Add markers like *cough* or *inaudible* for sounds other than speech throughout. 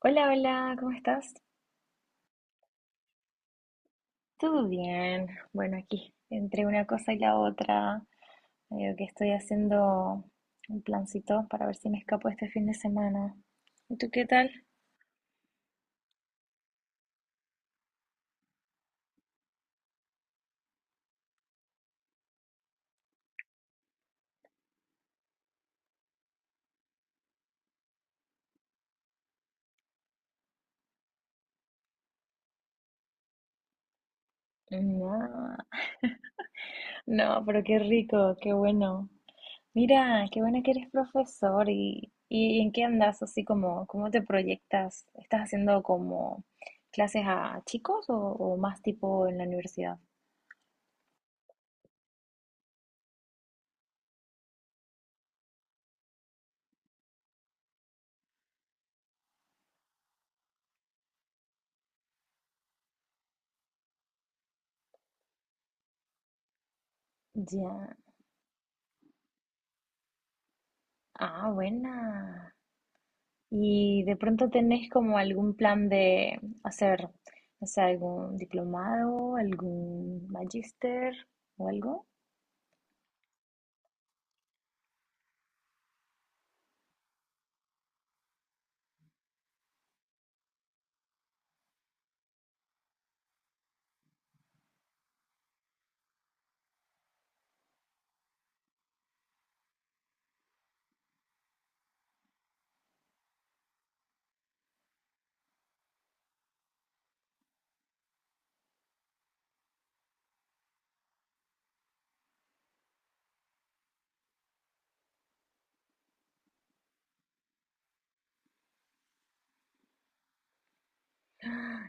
Hola, hola, ¿cómo estás? ¿Todo bien? Bueno, aquí, entre una cosa y la otra, medio que estoy haciendo un plancito para ver si me escapo este fin de semana. ¿Y tú qué tal? No, *laughs* no, pero qué rico, qué bueno. Mira, qué bueno que eres profesor y ¿en qué andas? Así como, ¿cómo te proyectas? ¿Estás haciendo como clases a chicos o más tipo en la universidad? Ya. Ah, buena. Y de pronto tenés como algún plan de hacer, no sé, algún diplomado, algún magíster o algo.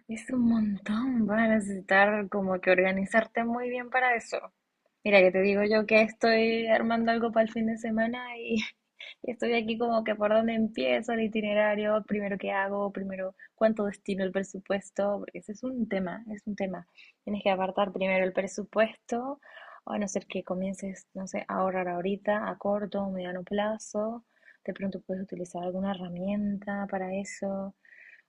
Es un montón, vas a necesitar como que organizarte muy bien para eso. Mira, que te digo yo que estoy armando algo para el fin de semana y, *laughs* y estoy aquí como que por dónde empiezo el itinerario, primero qué hago, primero cuánto destino el presupuesto, porque ese es un tema, es un tema. Tienes que apartar primero el presupuesto, a no ser que comiences, no sé, a ahorrar ahorita, a corto o mediano plazo. De pronto puedes utilizar alguna herramienta para eso.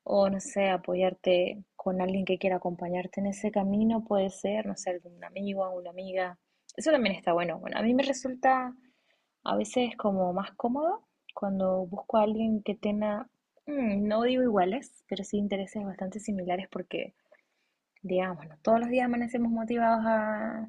O no sé, apoyarte con alguien que quiera acompañarte en ese camino, puede ser, no sé, algún amigo, una amiga. Eso también está bueno. Bueno, a mí me resulta a veces como más cómodo cuando busco a alguien que tenga, no digo iguales, pero sí intereses bastante similares porque digámoslo, todos los días amanecemos motivados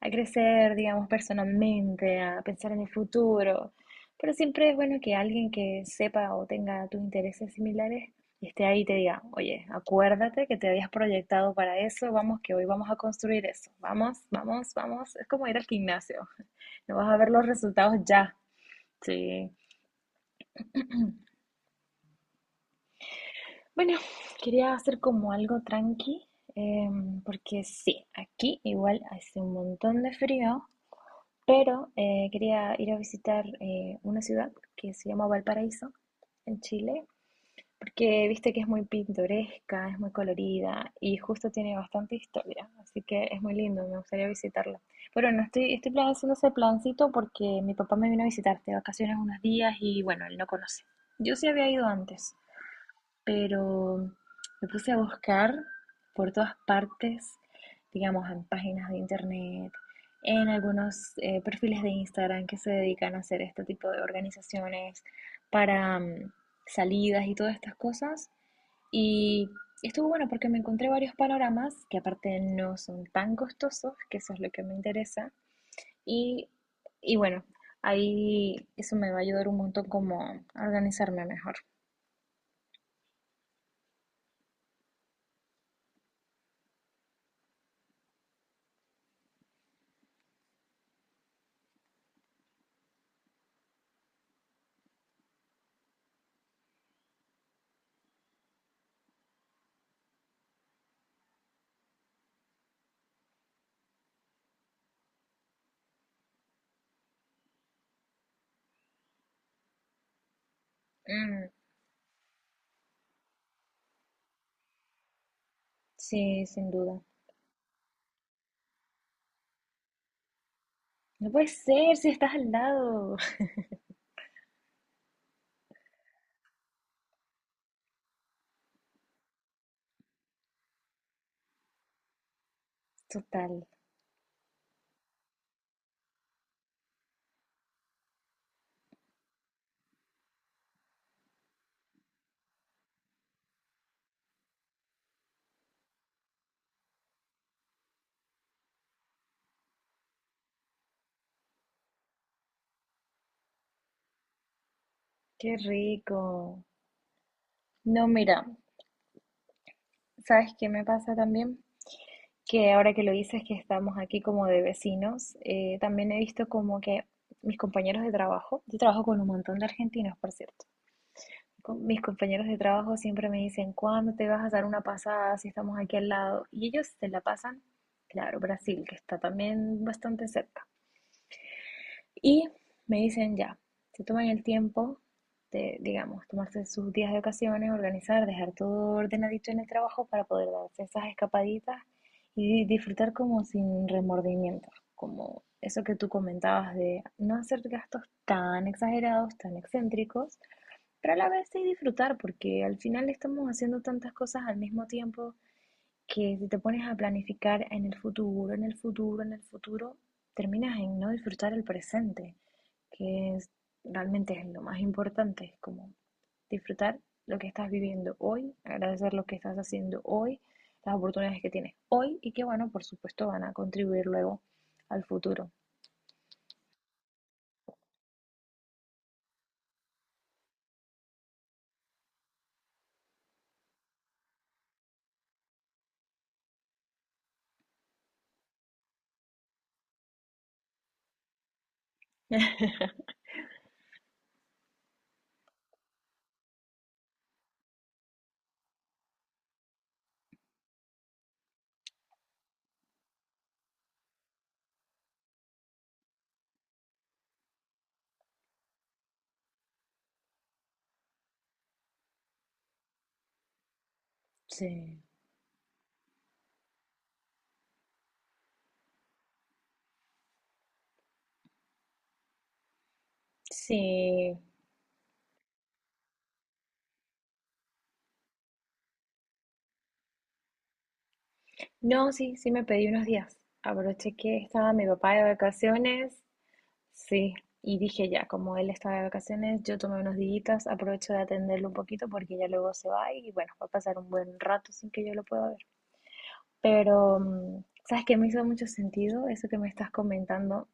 a crecer, digamos, personalmente, a pensar en el futuro, pero siempre es bueno que alguien que sepa o tenga tus intereses similares esté ahí y te diga, oye, acuérdate que te habías proyectado para eso, vamos que hoy vamos a construir eso, vamos, vamos, vamos, es como ir al gimnasio, no vas a ver los resultados ya, sí. *clears throat* *coughs* Bueno, quería hacer como algo tranqui, porque sí, aquí igual hace un montón de frío. Pero quería ir a visitar una ciudad que se llama Valparaíso, en Chile, porque viste que es muy pintoresca, es muy colorida y justo tiene bastante historia, así que es muy lindo, me gustaría visitarla. Pero no estoy, haciendo ese plancito porque mi papá me vino a visitar de vacaciones unos días y bueno, él no conoce. Yo sí había ido antes, pero me puse a buscar por todas partes, digamos, en páginas de internet, en algunos perfiles de Instagram que se dedican a hacer este tipo de organizaciones para salidas y todas estas cosas. Y estuvo bueno porque me encontré varios panoramas que aparte no son tan costosos, que eso es lo que me interesa. Y, y bueno, ahí eso me va a ayudar un montón como a organizarme mejor. Mm, sí, sin duda. No puede ser si estás al lado. *laughs* Total, qué rico. No, mira, ¿sabes qué me pasa también? Que ahora que lo dices que estamos aquí como de vecinos, también he visto como que mis compañeros de trabajo, yo trabajo con un montón de argentinos, por cierto. Con mis compañeros de trabajo siempre me dicen, ¿cuándo te vas a dar una pasada si estamos aquí al lado? Y ellos se la pasan, claro, Brasil, que está también bastante cerca. Y me dicen ya, se toman el tiempo de, digamos, tomarse sus días de ocasiones, organizar, dejar todo ordenadito en el trabajo para poder darse esas escapaditas y disfrutar como sin remordimientos, como eso que tú comentabas de no hacer gastos tan exagerados, tan excéntricos, pero a la vez sí disfrutar, porque al final estamos haciendo tantas cosas al mismo tiempo que si te pones a planificar en el futuro, en el futuro, en el futuro, terminas en no disfrutar el presente que es, realmente es lo más importante, es como disfrutar lo que estás viviendo hoy, agradecer lo que estás haciendo hoy, las oportunidades que tienes hoy y que, bueno, por supuesto van a contribuir luego al futuro. *laughs* Sí, sí. No, sí, sí me pedí unos días. Aproveché que estaba mi papá de vacaciones, sí, y dije ya, como él estaba de vacaciones, yo tomé unos días, aprovecho de atenderlo un poquito porque ya luego se va y bueno, va a pasar un buen rato sin que yo lo pueda ver. Pero, mm, ¿sabes qué? Me hizo mucho sentido eso que me estás comentando.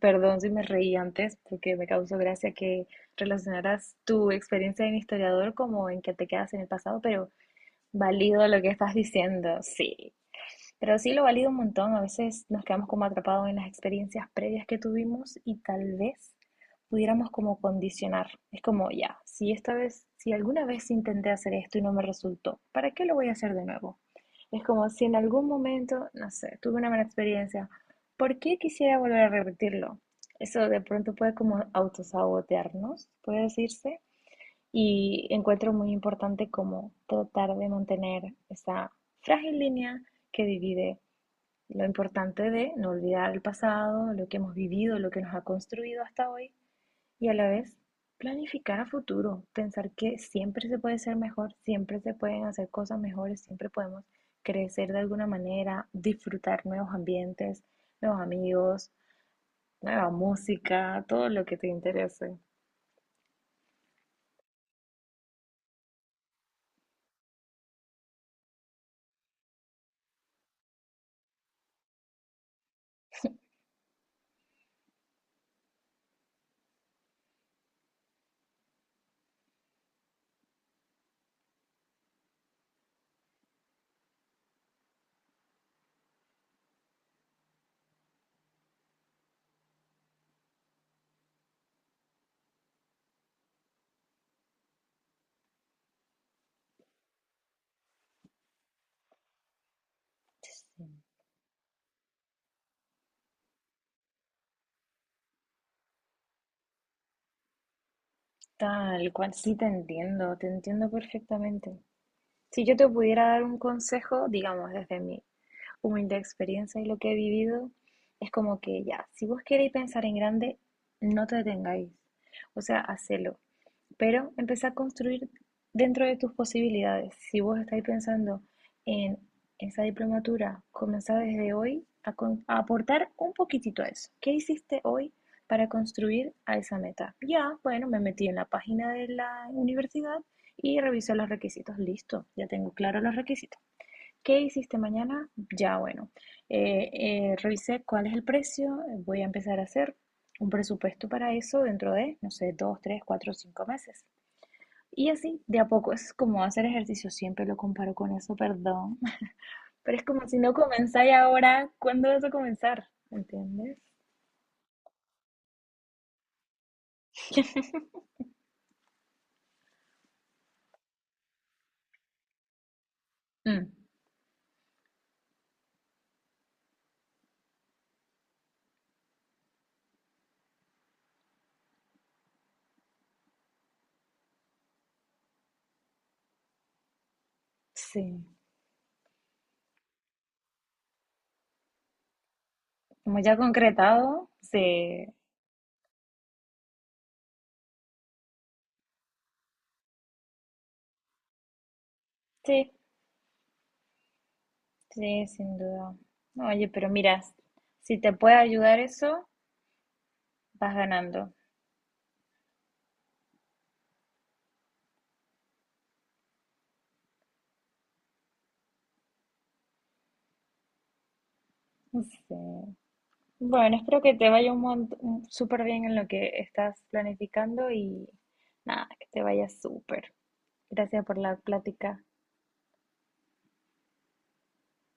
Perdón si me reí antes, porque me causó gracia que relacionaras tu experiencia de historiador como en que te quedas en el pasado, pero valido lo que estás diciendo, sí. Pero sí lo valido un montón, a veces nos quedamos como atrapados en las experiencias previas que tuvimos y tal vez pudiéramos como condicionar. Es como, ya, si esta vez, si alguna vez intenté hacer esto y no me resultó, ¿para qué lo voy a hacer de nuevo? Es como si en algún momento, no sé, tuve una mala experiencia, ¿por qué quisiera volver a repetirlo? Eso de pronto puede como autosabotearnos, puede decirse, y encuentro muy importante como tratar de mantener esa frágil línea que divide lo importante de no olvidar el pasado, lo que hemos vivido, lo que nos ha construido hasta hoy y a la vez planificar a futuro, pensar que siempre se puede ser mejor, siempre se pueden hacer cosas mejores, siempre podemos crecer de alguna manera, disfrutar nuevos ambientes, nuevos amigos, nueva música, todo lo que te interese. Tal cual, sí te entiendo perfectamente. Si yo te pudiera dar un consejo, digamos, desde mi humilde experiencia y lo que he vivido, es como que ya, si vos queréis pensar en grande, no te detengáis. O sea, hacelo. Pero empezá a construir dentro de tus posibilidades. Si vos estáis pensando en esa diplomatura, comenzá desde hoy a aportar un poquitito a eso. ¿Qué hiciste hoy para construir a esa meta? Ya, bueno, me metí en la página de la universidad y revisé los requisitos. Listo, ya tengo claro los requisitos. ¿Qué hiciste mañana? Ya, bueno, eh, revisé cuál es el precio, voy a empezar a hacer un presupuesto para eso dentro de, no sé, dos, tres, cuatro, cinco meses. Y así, de a poco, es como hacer ejercicio, siempre lo comparo con eso, perdón. *laughs* Pero es como si no comenzáis ahora, ¿cuándo vas a comenzar? ¿Entiendes? Mm, sí, como ya concretado, sí, sí, sí, sin duda. Oye, pero mira, si te puede ayudar eso, vas ganando. Sí. Bueno, espero que te vaya un montón, súper bien en lo que estás planificando y nada, que te vaya súper. Gracias por la plática.